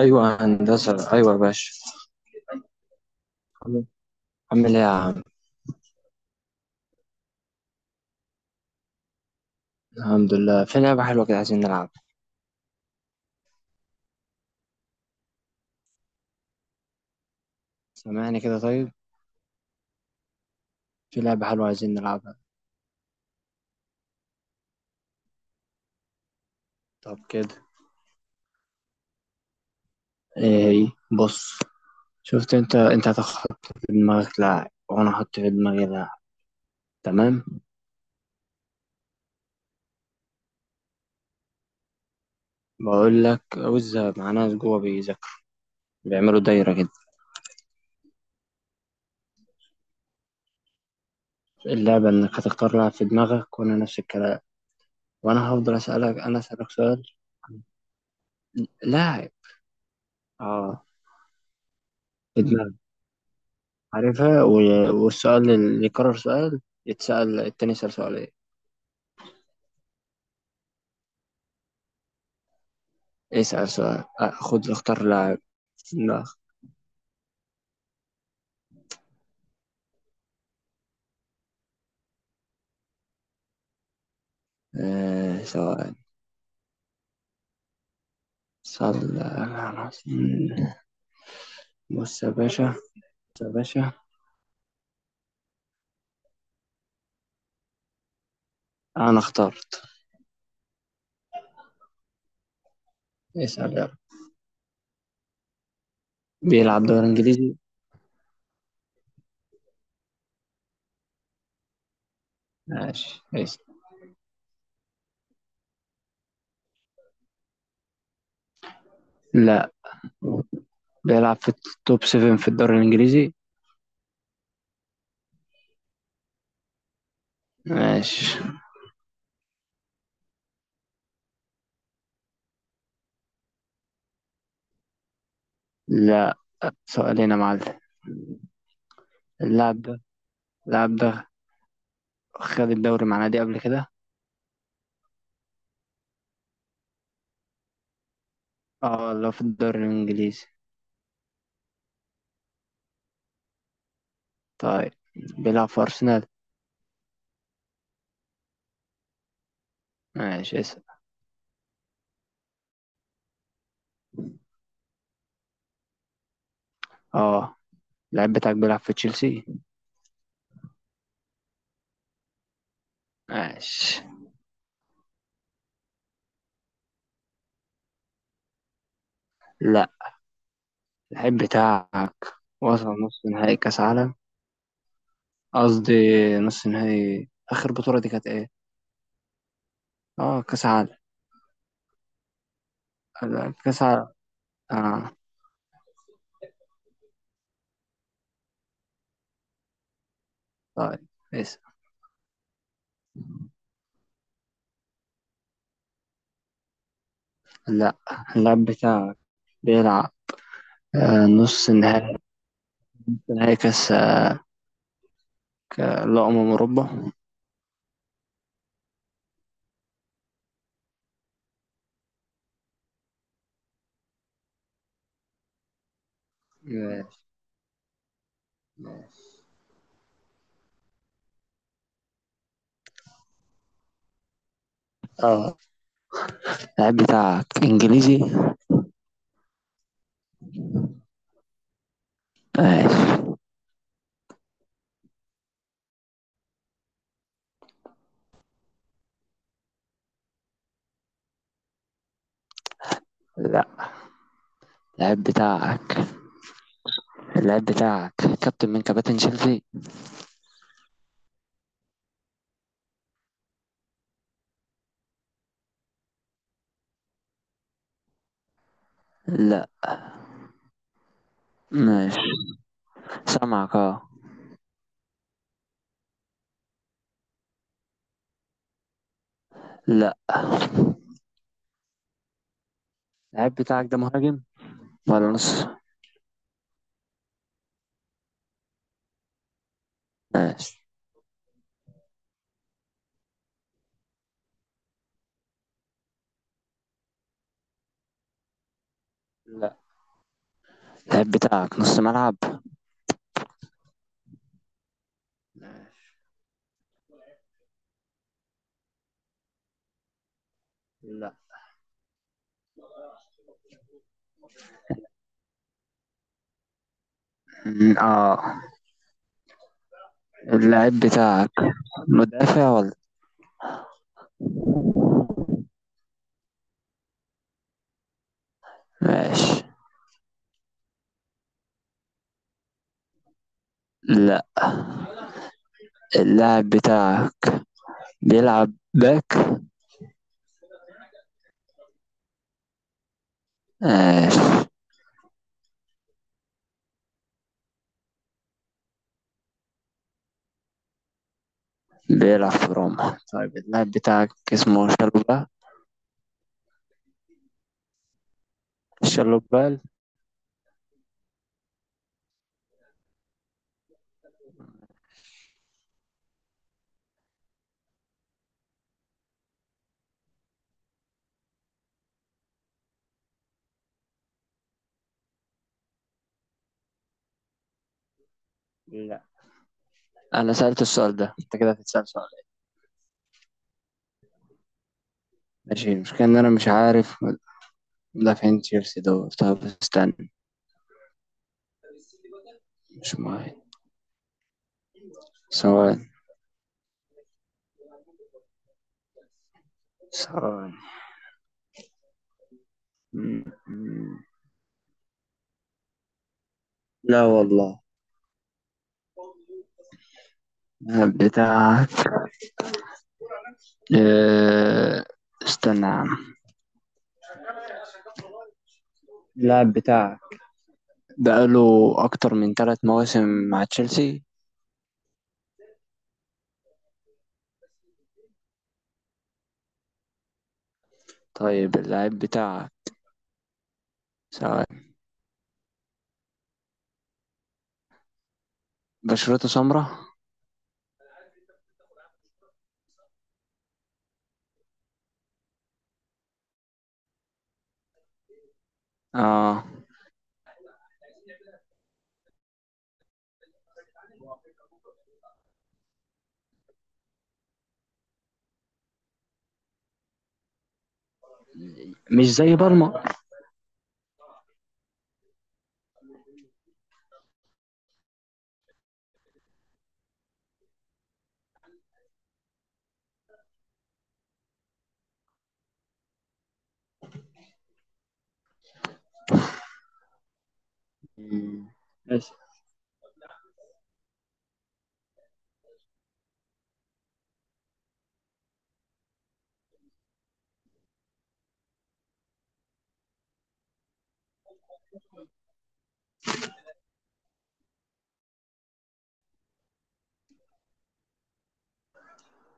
ايوه هندسه، ايوه يا باشا. عامل عامل ايه يا عم؟ الحمد لله. في لعبه حلوه كده عايزين نلعبها. سامعني كده؟ طيب، في لعبه حلوه عايزين نلعبها. طب كده. ايه هي؟ بص، شفت؟ انت هتحط في دماغك لاعب وانا هحط في دماغي لاعب، تمام؟ بقول لك وزة، مع ناس جوه بيذاكروا، بيعملوا دايره كده. اللعبه انك هتختار لاعب في دماغك وانا نفس الكلام، وانا هفضل اسالك، انا اسالك سؤال. لاعب. اه، في دماغك. عارفها. و- والسؤال اللي يكرر، سؤال يتسأل، التاني يسأل سؤال ايه. اسأل سؤال. آه، خد اختار لاعب. لا. آه، سؤال. صلى على رسول. بص يا باشا، بص يا باشا، انا اخترت. اسأل يلا. بيلعب دوري انجليزي. ماشي اسأل. لا، بيلعب في التوب 7 في الدوري الانجليزي. ماشي. لا، سؤالين يا معلم. اللاعب ده اللاعب ده خد الدوري مع نادي قبل كده؟ اه، لو في الدوري الانجليزي. طيب، بيلعب في أرسنال. ماشي اسأل. اه، اللعيب بتاعك بيلعب في تشيلسي. ماشي. لا. اللعيب بتاعك وصل نص نهائي كأس عالم، قصدي نص نهائي آخر بطولة، دي كانت ايه؟ اه، كأس عالم. لا، كأس عالم. اه. طيب اسأل. لا. اللعيب بتاعك بيلعب. آه، نص نهائي، نهائي كأس، لا، أمم أوروبا. ماشي. اه. اللعيب بتاعك إنجليزي. ماشي. لا. اللعيب بتاعك، اللاعب بتاعك كابتن من كباتن تشيلسي. لا. ماشي. سامعك اه. لا. اللاعب بتاعك ده مهاجم ولا نص؟ ماشي. لا. اللاعب بتاعك نص ملعب. لا. اه. اللاعب بتاعك مدافع ولا؟ ماشي. لا. اللاعب بتاعك بيلعب باك. ماشي. بيلعب في روما. طيب، اللاعب بتاعك اسمه شالوبا. شالوبال. انا سألت السؤال ده، انت كده هتتسأل سؤال. ماشي. المشكلة ان انا مش عارف مدافعين تشيلسي دول. طب استنى، مش مهم. ثواني، ثواني. م- م- لا والله. اللاعب بتاعك، آه، استنى يا عم. اللاعب بتاعك بقاله اكتر من 3 مواسم مع تشيلسي. طيب اللاعب بتاعك، ثواني، بشرته سمراء. اه، مش زي بالمر. م، بس.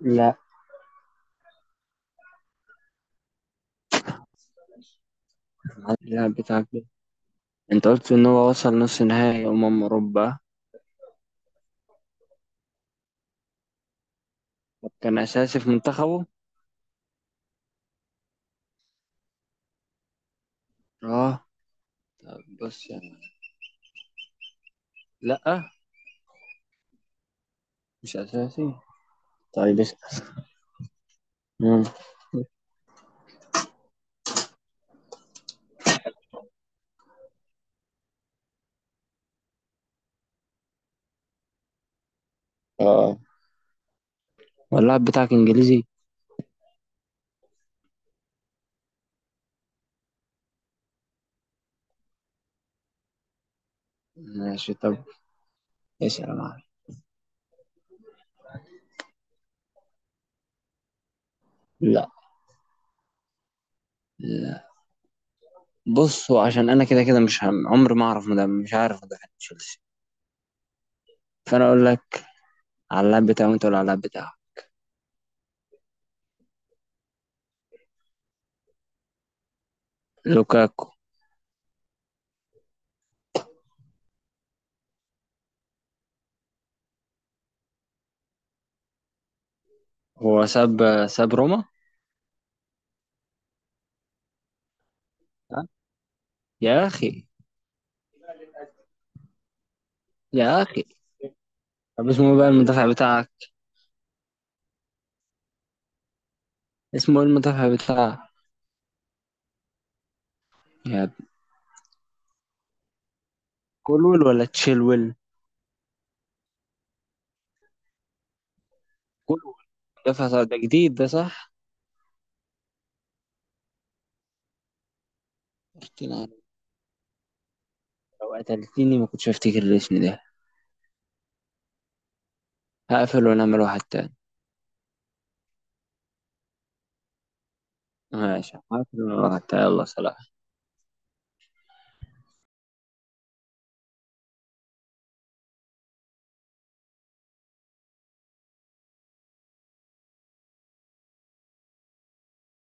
لا. اللاعب بتاعك، انت قلت ان هو وصل نص نهائي اوروبا. طب كان اساسي في منتخبه؟ اه. طب بص يعني. لا مش اساسي. طيب اسال. مم. اه. واللاعب بتاعك انجليزي. ماشي. طب اسال يا معلم. لا. لا. بصوا، عشان انا كده كده مش هم. عمري ما اعرف مدافع، مش عارف مدافع تشيلسي، فانا اقول لك على اللاعب بتاعه وانت تقول على اللاعب بتاعه. لوكاكو هو ساب روما. ها؟ يا اخي، يا اخي. طب اسمه إيه بقى المدافع بتاعك؟ اسمه ايه المدافع بتاعك؟ يا كولويل ولا تشيلويل. كولويل. ده فصل، ده جديد، ده صح. قلت لها، لو قتلتني ما كنتش هفتكر الاسم ده. هقفل ونعمل واحد تاني. ماشي، هقفل ونعمل واحد تاني. يلا سلام.